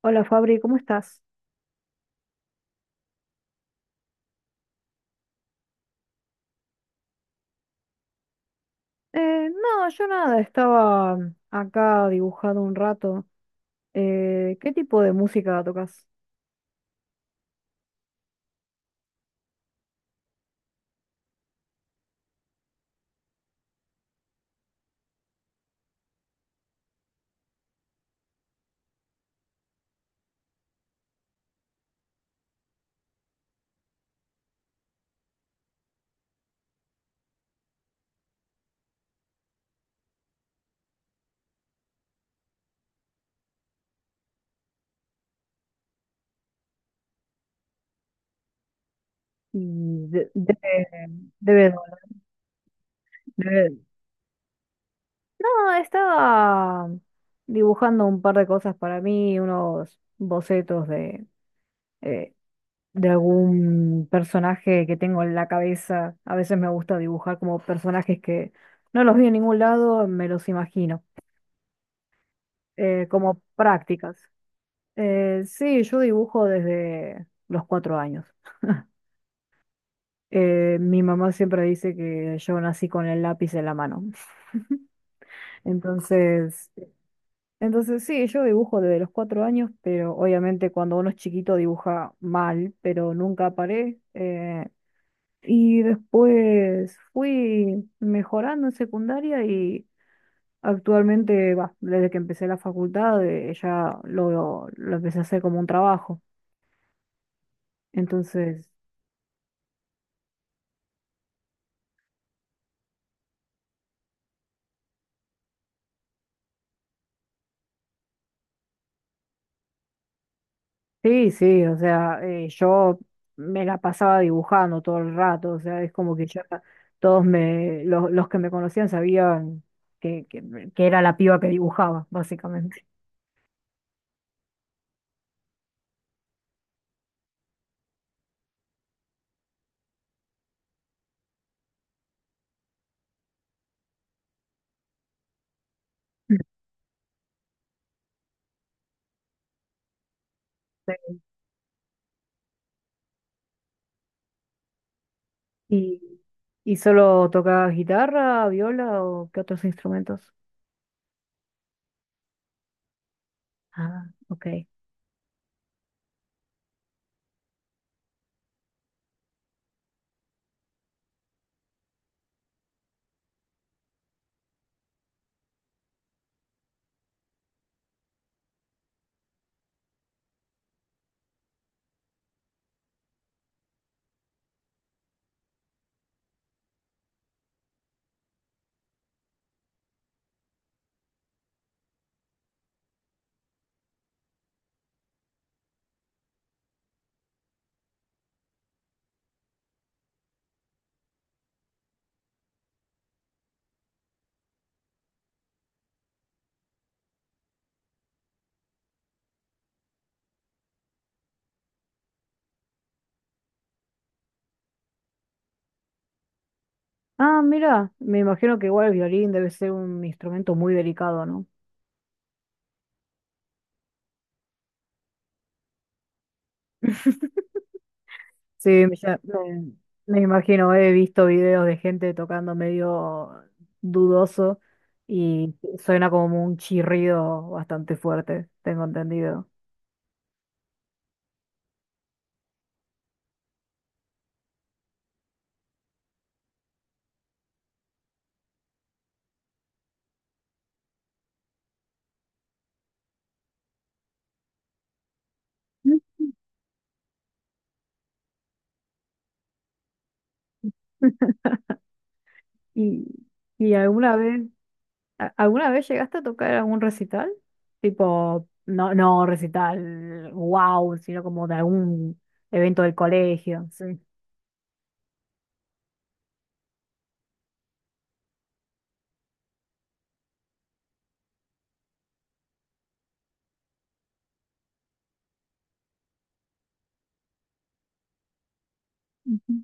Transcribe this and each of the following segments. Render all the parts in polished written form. Hola Fabri, ¿cómo estás? No, yo nada, estaba acá dibujando un rato. ¿Qué tipo de música tocas? Y de, de- debe- debe- No, estaba dibujando un par de cosas para mí, unos bocetos eh, de algún personaje que tengo en la cabeza. A veces me gusta dibujar como personajes que no los vi en ningún lado, me los imagino, como prácticas. Sí, yo dibujo desde los 4 años. Mi mamá siempre dice que yo nací con el lápiz en la mano. Entonces, entonces sí, yo dibujo desde los cuatro años, pero obviamente cuando uno es chiquito dibuja mal, pero nunca paré. Y después fui mejorando en secundaria y actualmente, bah, desde que empecé la facultad, ya lo empecé a hacer como un trabajo. Entonces... Sí, sí, o sea, yo me la pasaba dibujando todo el rato, o sea, es como que ya todos los que me conocían sabían que, que, que era la piba que dibujaba, básicamente. Sí. ¿Y, y solo tocaba guitarra, viola o qué otros instrumentos? Ah, ok. Ah, mira, me imagino que igual el violín debe ser un instrumento muy delicado, ¿no? Sí, me imagino, he visto videos de gente tocando medio dudoso y suena como un chirrido bastante fuerte, tengo entendido. Mm. ¿Y, y alguna vez, alguna vez llegaste a tocar algún recital? Tipo, no, no recital, wow, sino como de algún evento del colegio. Sí. Ujú.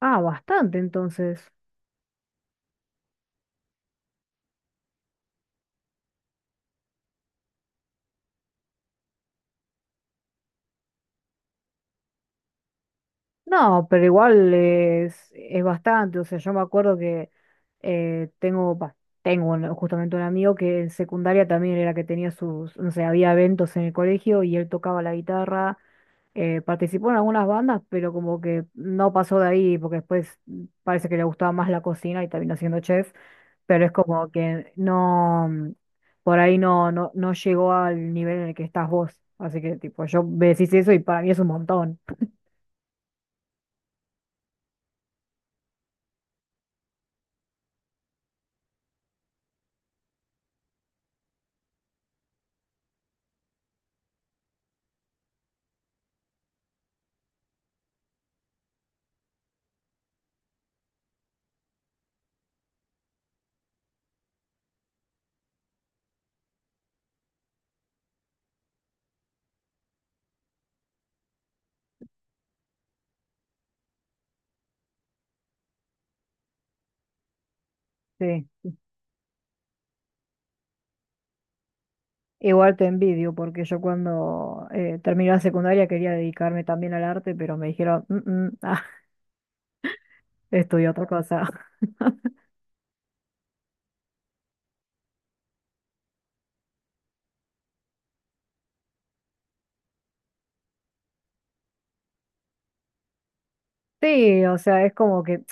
Ah, bastante entonces. No, pero igual es bastante. O sea, yo me acuerdo que tengo, bah, justamente un amigo que en secundaria también era que tenía sus, no sé, había eventos en el colegio y él tocaba la guitarra, participó en algunas bandas, pero como que no pasó de ahí porque después parece que le gustaba más la cocina y terminó siendo chef, pero es como que no, por ahí no, no llegó al nivel en el que estás vos. Así que tipo, yo me decís eso y para mí es un montón. Sí. Igual te envidio, porque yo cuando terminé la secundaria quería dedicarme también al arte, pero me dijeron, "Mm, mm, ah, estudia otra cosa. Sí, o sea, es como que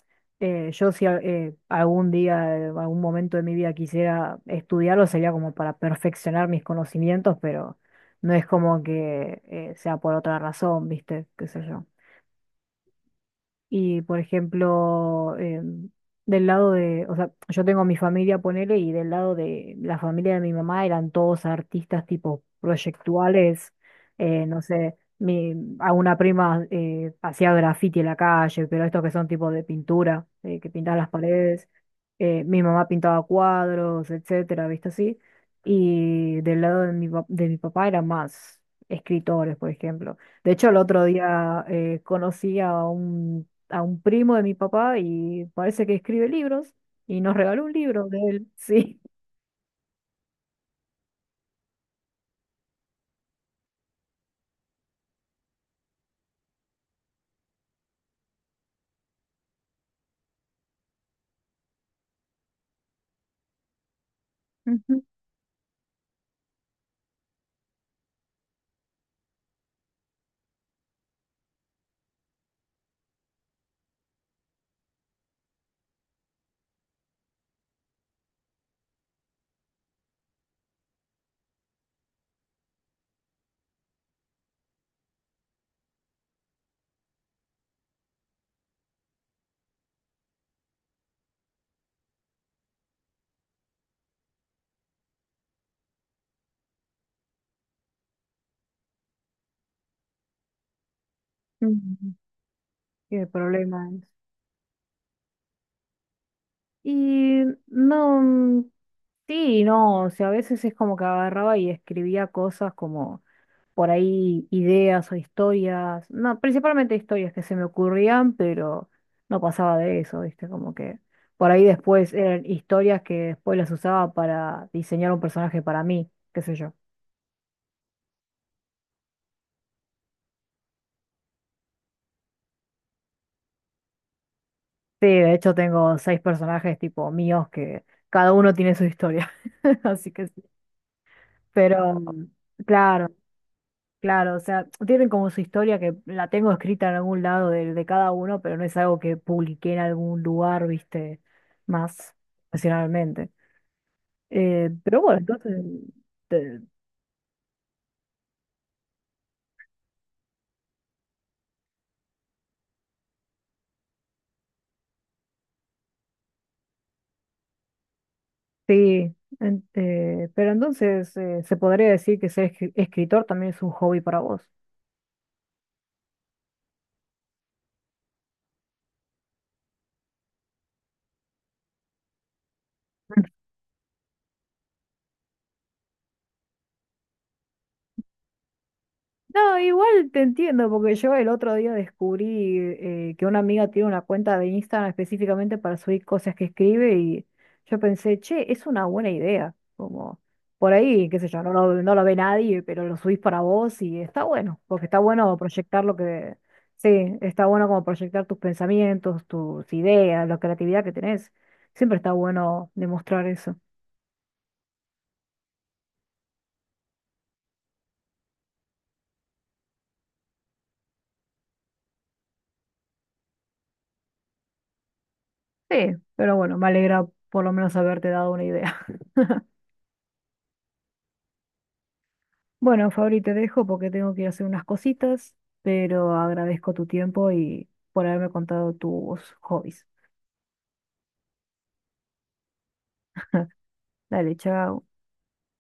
yo si al- algún día, algún momento de mi vida quisiera estudiarlo, sería como para perfeccionar mis conocimientos, pero no es como que sea por otra razón, ¿viste? ¿Qué sé yo? Y por ejemplo, del lado de, o sea, yo tengo mi familia, ponele, y del lado de la familia de mi mamá eran todos artistas tipo proyectuales, no sé, a una prima hacía graffiti en la calle, pero estos que son tipo de pintura, que pintaban las paredes, mi mamá pintaba cuadros, etcétera, ¿viste así? Y del lado de de mi papá eran más escritores, por ejemplo. De hecho, el otro día conocí a un primo de mi papá y parece que escribe libros y nos regaló un libro de él, sí. Ujú. Mm, qué problema es. Y no, mm, sí, no, o sea, a veces es como que agarraba y escribía cosas como por ahí ideas o historias, no, principalmente historias que se me ocurrían, pero no pasaba de eso, ¿viste? Como que por ahí después eran historias que después las usaba para diseñar un personaje para mí, qué sé yo. Sí, de hecho tengo seis personajes tipo míos que cada uno tiene su historia. Así que sí. Pero, claro, claro, o sea, tienen como su historia que la tengo escrita en algún lado de cada uno, pero no es algo que publiqué en algún lugar, viste, más profesionalmente. Pero bueno, entonces, te- sí, pero entonces se podría decir que ser escritor también es un hobby para vos. No, igual te entiendo, porque yo el otro día descubrí que una amiga tiene una cuenta de Instagram específicamente para subir cosas que escribe y yo pensé, che, es una buena idea, como por ahí, qué sé yo, no lo ve nadie, pero lo subís para vos y está bueno, porque está bueno proyectar lo que, sí, está bueno como proyectar tus pensamientos, tus ideas, la creatividad que tenés. Siempre está bueno demostrar eso. Sí, pero bueno, me alegra por lo menos haberte dado una idea. Bueno, Fabri, te dejo porque tengo que ir a hacer unas cositas, pero agradezco tu tiempo y por haberme contado tus hobbies. Dale, chao.